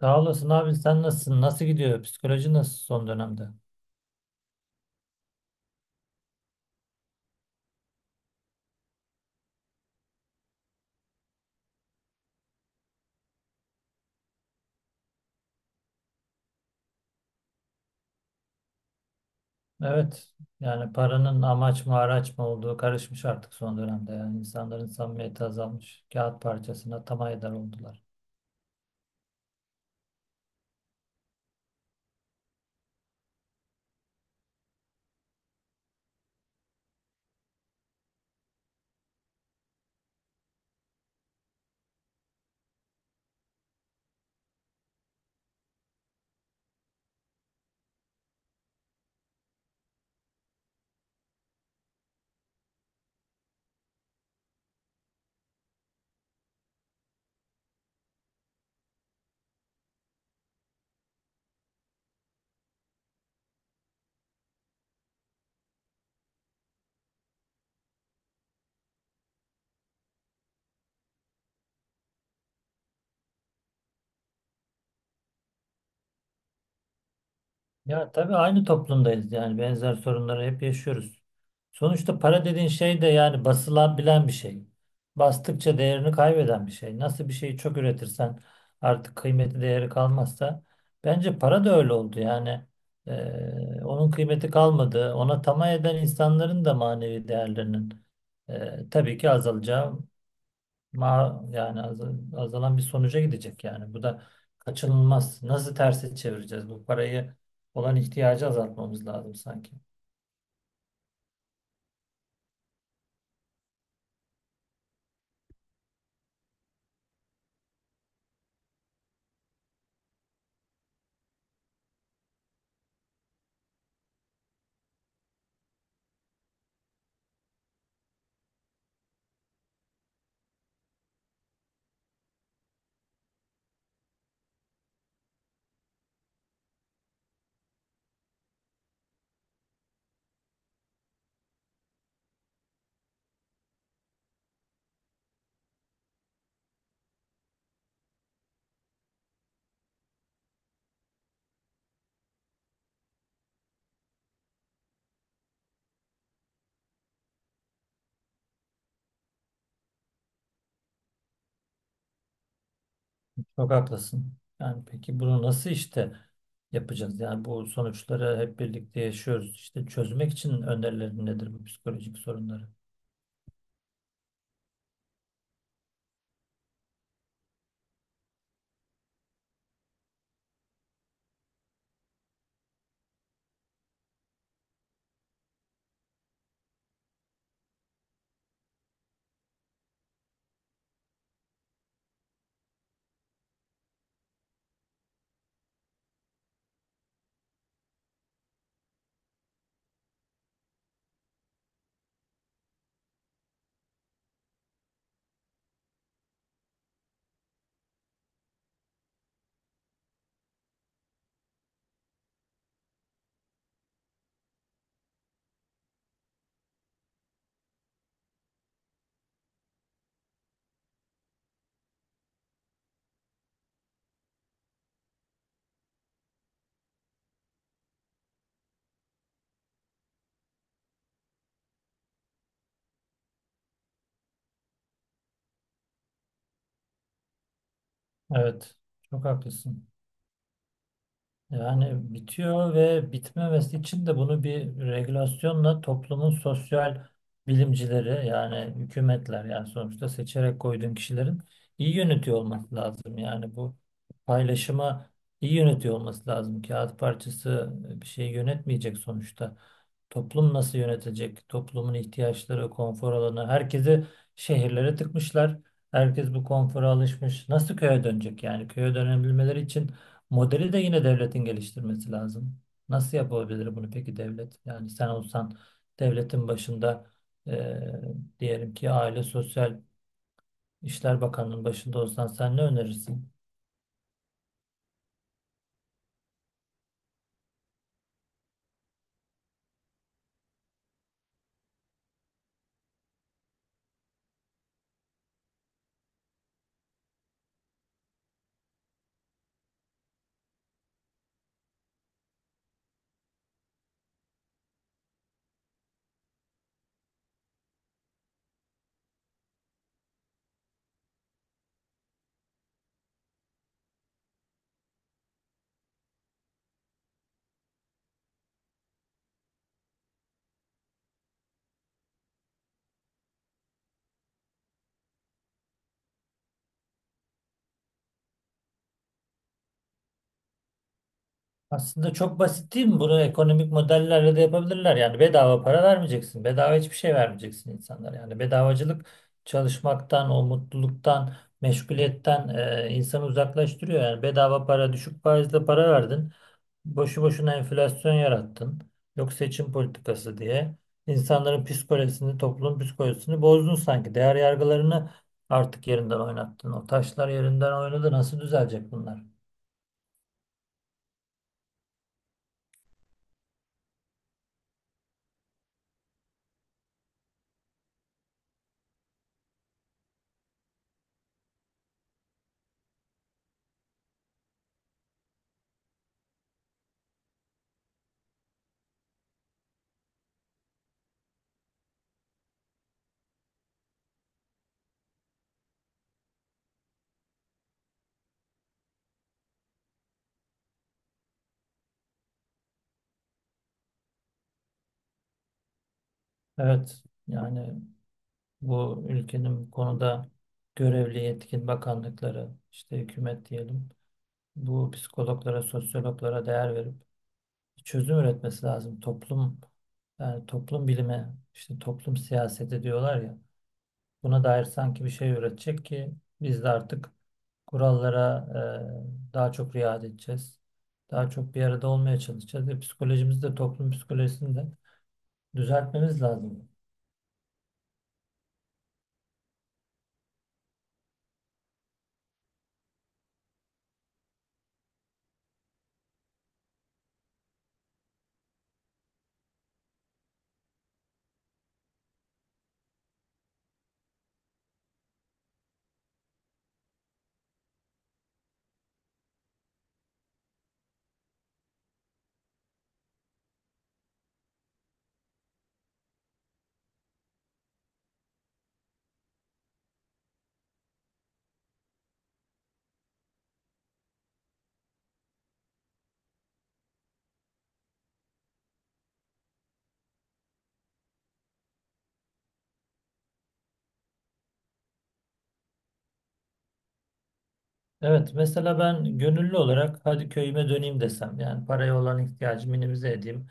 Sağ olasın abi, sen nasılsın? Nasıl gidiyor? Psikoloji nasıl son dönemde? Evet, yani paranın amaç mı araç mı olduğu karışmış artık son dönemde. Yani insanların samimiyeti azalmış. Kağıt parçasına tam eder oldular. Ya tabii aynı toplumdayız, yani benzer sorunları hep yaşıyoruz. Sonuçta para dediğin şey de yani basılan bilen bir şey. Bastıkça değerini kaybeden bir şey. Nasıl bir şeyi çok üretirsen artık kıymeti değeri kalmazsa bence para da öyle oldu yani. Onun kıymeti kalmadı. Ona tamah eden insanların da manevi değerlerinin tabii ki azalacağı Ma yani az- azalan bir sonuca gidecek yani. Bu da kaçınılmaz. Nasıl tersi çevireceğiz? Bu parayı olan ihtiyacı azaltmamız lazım sanki. Çok haklısın. Yani peki bunu nasıl işte yapacağız? Yani bu sonuçları hep birlikte yaşıyoruz. İşte çözmek için önerilerin nedir bu psikolojik sorunları? Evet, çok haklısın. Yani bitiyor ve bitmemesi için de bunu bir regülasyonla toplumun sosyal bilimcileri, yani hükümetler, yani sonuçta seçerek koyduğun kişilerin iyi yönetiyor olması lazım. Yani bu paylaşıma iyi yönetiyor olması lazım. Kağıt parçası bir şey yönetmeyecek sonuçta. Toplum nasıl yönetecek? Toplumun ihtiyaçları, konfor alanı. Herkesi şehirlere tıkmışlar. Herkes bu konfora alışmış. Nasıl köye dönecek yani? Köye dönebilmeleri için modeli de yine devletin geliştirmesi lazım. Nasıl yapabilir bunu peki devlet? Yani sen olsan devletin başında, e, diyelim ki Aile Sosyal İşler Bakanlığı'nın başında olsan sen ne önerirsin? Aslında çok basit değil mi? Bunu ekonomik modellerle de yapabilirler. Yani bedava para vermeyeceksin. Bedava hiçbir şey vermeyeceksin insanlara. Yani bedavacılık çalışmaktan, o mutluluktan, meşguliyetten insanı uzaklaştırıyor. Yani bedava para, düşük faizle para verdin. Boşu boşuna enflasyon yarattın. Yok seçim politikası diye. İnsanların psikolojisini, toplumun psikolojisini bozdun sanki. Değer yargılarını artık yerinden oynattın. O taşlar yerinden oynadı. Nasıl düzelecek bunlar? Evet. Yani bu ülkenin bu konuda görevli yetkin bakanlıkları, işte hükümet diyelim, bu psikologlara, sosyologlara değer verip çözüm üretmesi lazım. Toplum, yani toplum bilimi, işte toplum siyaseti diyorlar ya, buna dair sanki bir şey üretecek ki biz de artık kurallara daha çok riayet edeceğiz. Daha çok bir arada olmaya çalışacağız ve psikolojimizi de, toplum psikolojisini de düzeltmemiz lazım. Evet, mesela ben gönüllü olarak hadi köyüme döneyim desem, yani paraya olan ihtiyacı minimize edeyim.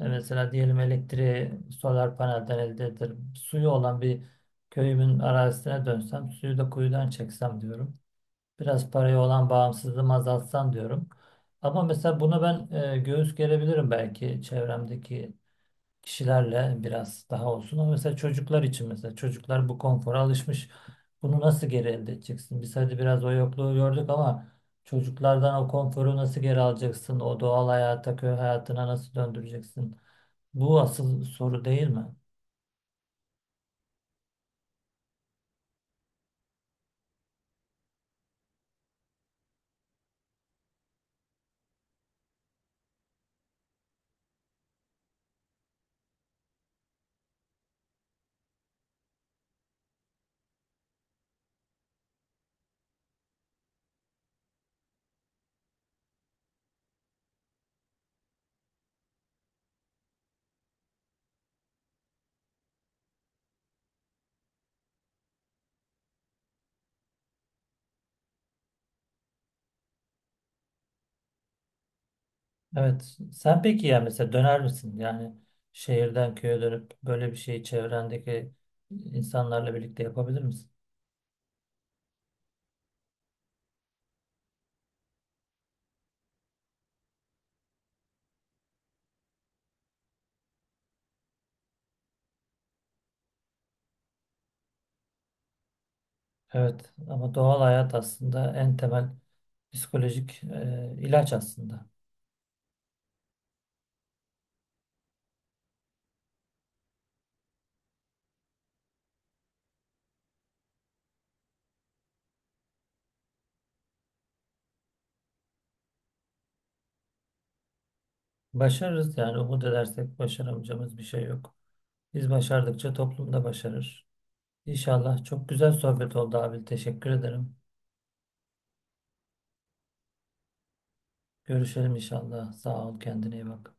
E, mesela diyelim elektriği solar panelden elde ederim. Suyu olan bir köyümün arazisine dönsem, suyu da kuyudan çeksem diyorum. Biraz paraya olan bağımsızlığımı azaltsam diyorum. Ama mesela buna ben göğüs gerebilirim, belki çevremdeki kişilerle biraz daha olsun. Ama mesela çocuklar için, mesela çocuklar bu konfora alışmış. Bunu nasıl geri elde edeceksin? Biz hadi biraz o yokluğu gördük ama çocuklardan o konforu nasıl geri alacaksın? O doğal hayata, köy hayatına nasıl döndüreceksin? Bu asıl soru değil mi? Evet. Sen peki ya mesela döner misin? Yani şehirden köye dönüp böyle bir şeyi çevrendeki insanlarla birlikte yapabilir misin? Evet ama doğal hayat aslında en temel psikolojik ilaç aslında. Başarırız, yani umut edersek başaramayacağımız bir şey yok. Biz başardıkça toplum da başarır. İnşallah çok güzel sohbet oldu abi. Teşekkür ederim. Görüşelim inşallah. Sağ ol, kendine iyi bak.